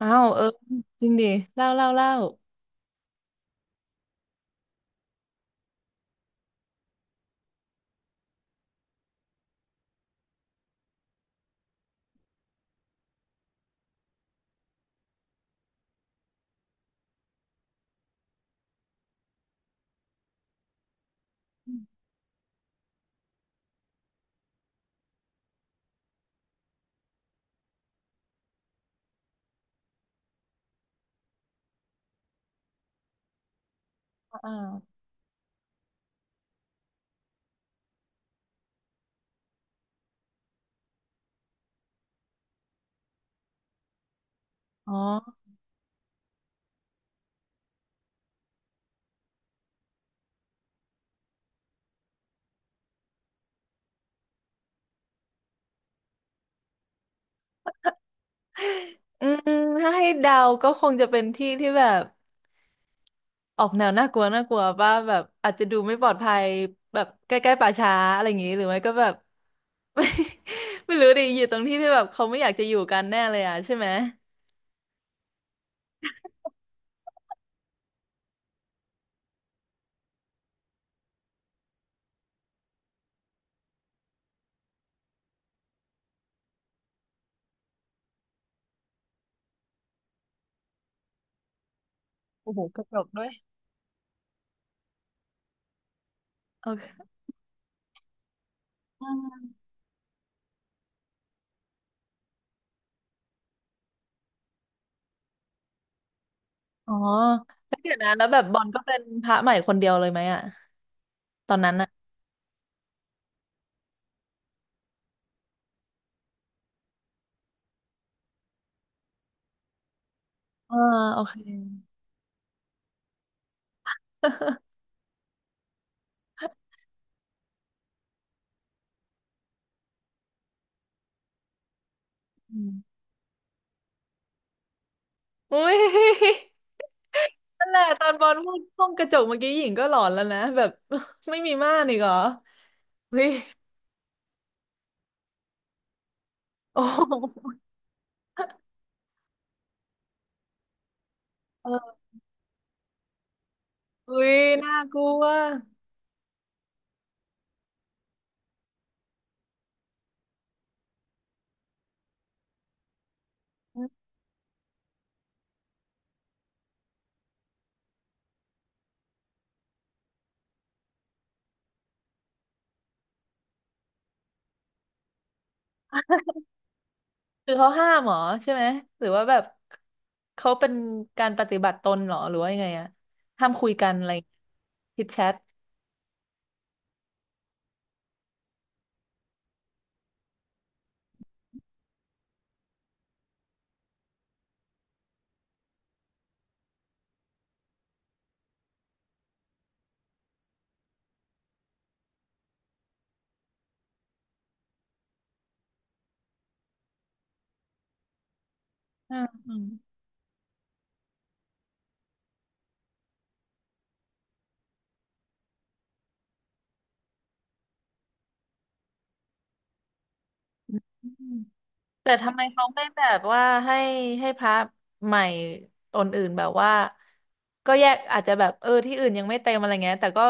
อ้าวเออจริงดิเล่าเล่าเล่าอ่าอ๋ออืมถ้าให้เดาก็คงจะเป็นที่ที่แบบออกแนวน่ากลัวน่ากลัวว่าแบบอาจจะดูไม่ปลอดภัยแบบใกล้ๆป่าช้าอะไรอย่างงี้หรือไม่ก็แบบ ไม่ไม่รู้ดิอยู่ตรงที่ที่แบบเขาไม่อยากจะอยู่กันแน่เลยอ่ะใช่ไหมโอ้โหกระจกด้วยโอเคอืมอ๋อแล้วเดี๋ยวนะแล้วแบบบอลก็เป็นพระใหม่คนเดียวเลยไหมอ่ะตอนนั้นอ่ะเออโอเค อุ้ย นั่นแหละตอนบอลพูดห้องกระจกเมื่อกี้หญิงก็หลอนแล้วนะแบบ ไม่มีม่านอีกเหรออุ้ยโอ้โหเอออุ้ยน่ากลัวคือเขาห้ามเหรอใช่ไหมหรือว่าแบบเขาเป็นการปฏิบัติตนเหรอหรือว่ายังไงอะห้ามคุยกันอะไรคิดแชทอืมอืม แต่ทำไมเขาไม่แบบว่าให้ให้พระใหม่ตนอื่นแบบว่าก็แยกอาจจะแบบเออที่อื่นยังไม่เต็มอะไรเงี้ยแต่ก็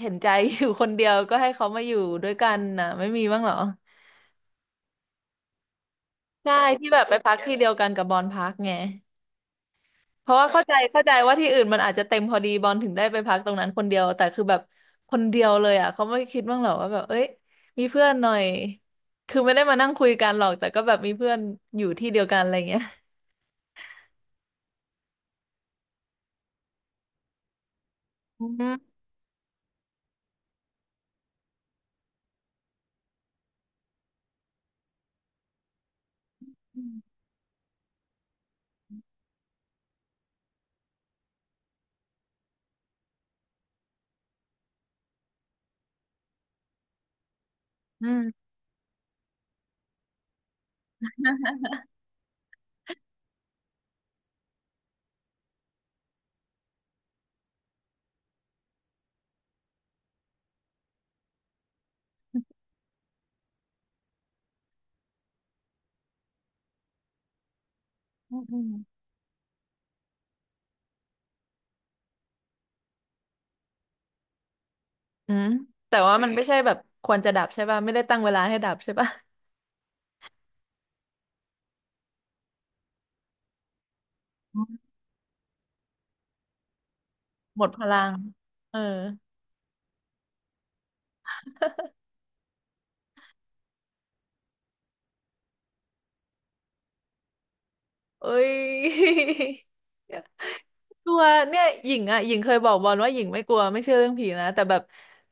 เห็นใจ อยู่คนเดียวก็ให้เขามาอยู่ด้วยกันนะไม่มีบ้างเหรอใช่ที่แบบไปพักที่เดียวกันกับบอลพักไงเพราะว่าเข้าใจเข้าใจว่าที่อื่นมันอาจจะเต็มพอดีบอลถึงได้ไปพักตรงนั้นคนเดียวแต่คือแบบคนเดียวเลยอ่ะเขาไม่คิดบ้างเหรอว่าแบบเอ้ยมีเพื่อนหน่อยคือไม่ได้มานั่งคุยกันหรอกแต่ก็แบบมีเพื่อนอยู่ที่เดียวกันอะไรเงี้ยอืม อืมอืมอืมอืมแต่ว่ามันไม่ใช่แบบควรจะดับใช่ป่ะไม่ได้ตั้งเวลาให้ดับใช่ป่ะอืมหมดพลังเออเอ้ย กลัวเนี่ยหญิงอ่ะหญิงเคยบอกบอลว่าหญิงไม่กลัวไม่เชื่อเรื่องผีนะแต่แบบ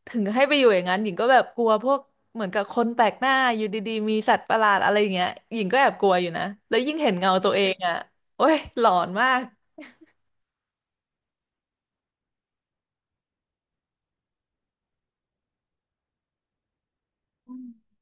ถึงให้ไปอยู่อย่างนั้นหญิงก็แบบกลัวพวกเหมือนกับคนแปลกหน้าอยู่ดีๆมีสัตว์ประหลาดอะไรอย่างเงี้ยหญิงก็แอบกลัวอยู่นะแล้วยิ่งเห็นเงาตัวเองอ่ะโอ้ยหลอนมากอืม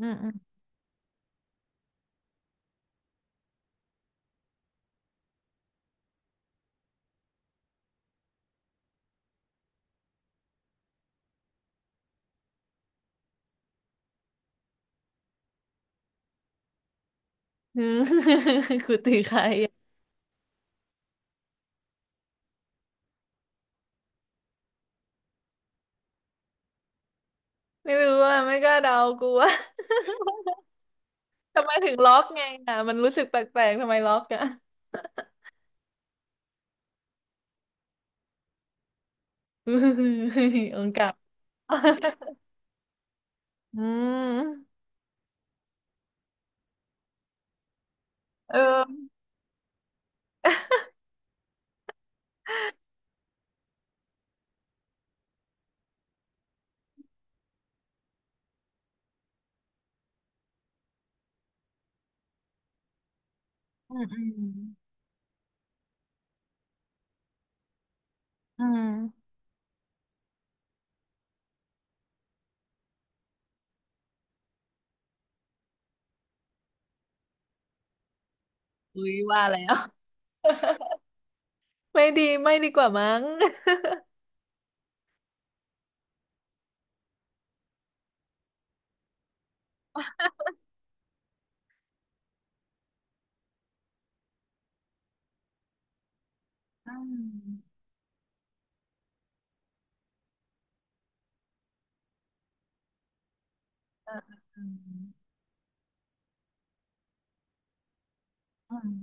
อืมอืม คือตีใคร ไม่รู้อ่ะไม่กล้าเดากูว่า ทำไมถึงล็อกไงอ่ะมันรู้สึกแปลกๆทำไมล็อกอ่ะ องค์กลับ อืมเอออืมอืมอืมอุ้ยว่าแล้วไม่ดีไม่ดีกว่ามั้งอืมเออเออเอออืม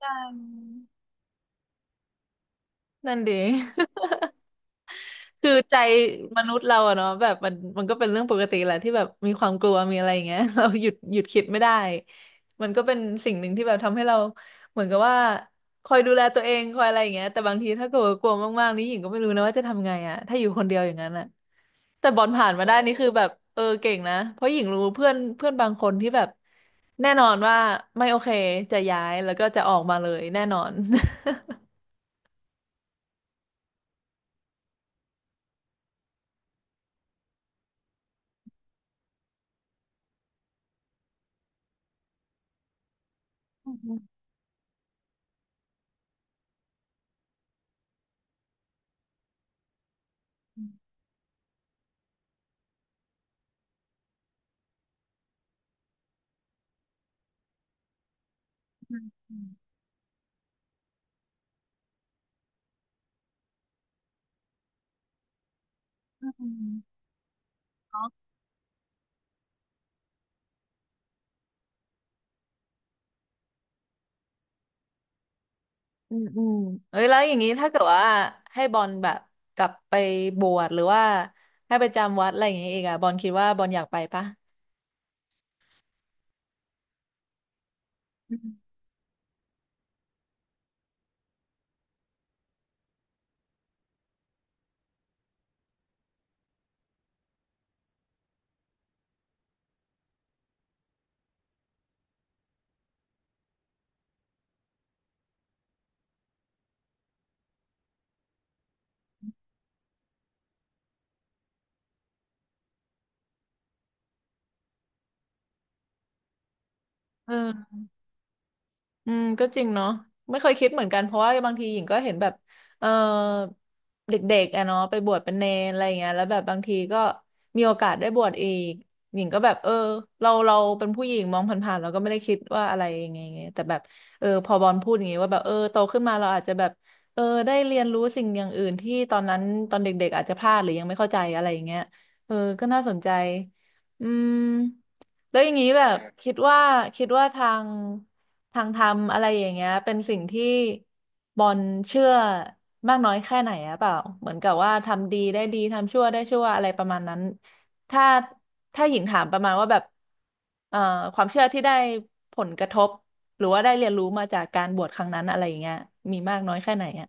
ใช่นั่นดี คือใจมนุษย์เราอะเนาะแบบมันมันก็เป็นเรื่องปกติแหละที่แบบมีความกลัวมีอะไรอย่างเงี้ย เราหยุดหยุดคิดไม่ได้มันก็เป็นสิ่งหนึ่งที่แบบทำให้เราเหมือนกับว่าคอยดูแลตัวเองคอยอะไรอย่างเงี้ยแต่บางทีถ้าเกิดว่ากลัวมากๆนี่หญิงก็ไม่รู้นะว่าจะทำไงอะถ้าอยู่คนเดียวอย่างนั้นอะแต่บอลผ่านมาได้นี่คือแบบเออเก่งนะเพราะหญิงรู้เพื่อนเพื่อนบางคนที่แบบแน่นอนว่าไม่โอเคจะย้ายแล้วก็จะออกมาเลยแน่นอน อืมอ๋อ อืมอืมเอ้ยแล้วอย่างนี้ถ้าเกิดว่าให้บอลแบบกลับไปบวชหรือว่าให้ไปจำวัดอะไรอย่างนี้อีกอะบอลคิดว่าบอลอยากไปปะอืมเออ อืมก็จริงเนาะไม่เคยคิดเหมือนกันเพราะว่าบางทีหญิงก็เห็นแบบเออเด็กๆอะเนาะไปบวชเป็นเนรอะไรอย่างเงี้ยแล้วแบบบางทีก็มีโอกาสได้บวชอีกหญิงก็แบบเออเราเราเป็นผู้หญิงมองผ่านๆเราก็ไม่ได้คิดว่าอะไรยังไงไงแต่แบบเออพอบอลพูดอย่างงี้ว่าแบบเออโตขึ้นมาเราอาจจะแบบเออได้เรียนรู้สิ่งอย่างอื่นที่ตอนนั้นตอนเด็กๆอาจจะพลาดหรือยังไม่เข้าใจอะไรอย่างเงี้ยเออก็น่าสนใจอืมแล้วอย่างนี้แบบคิดว่าคิดว่าทาง ทางธรรมอะไรอย่างเงี้ยเป็นสิ่งที่บอลเชื่อมากน้อยแค่ไหนอะเปล่าเหมือนกับว่าทำดีได้ดีทำชั่วได้ชั่วอะไรประมาณนั้นถ้าถ้าหญิงถามประมาณว่าแบบเอ่อความเชื่อที่ได้ผลกระทบหรือว่าได้เรียนรู้มาจากการบวชครั้งนั้นอะไรอย่างเงี้ยมีมากน้อยแค่ไหนอะ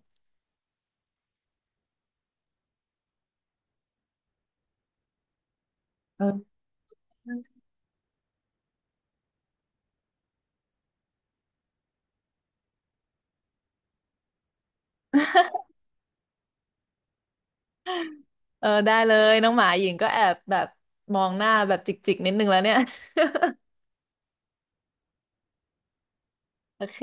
เออ เออได้เลยน้องหมาหญิงก็แอบแบบมองหน้าแบบจิกๆนิดนึงแล้วเนี่ย โอเค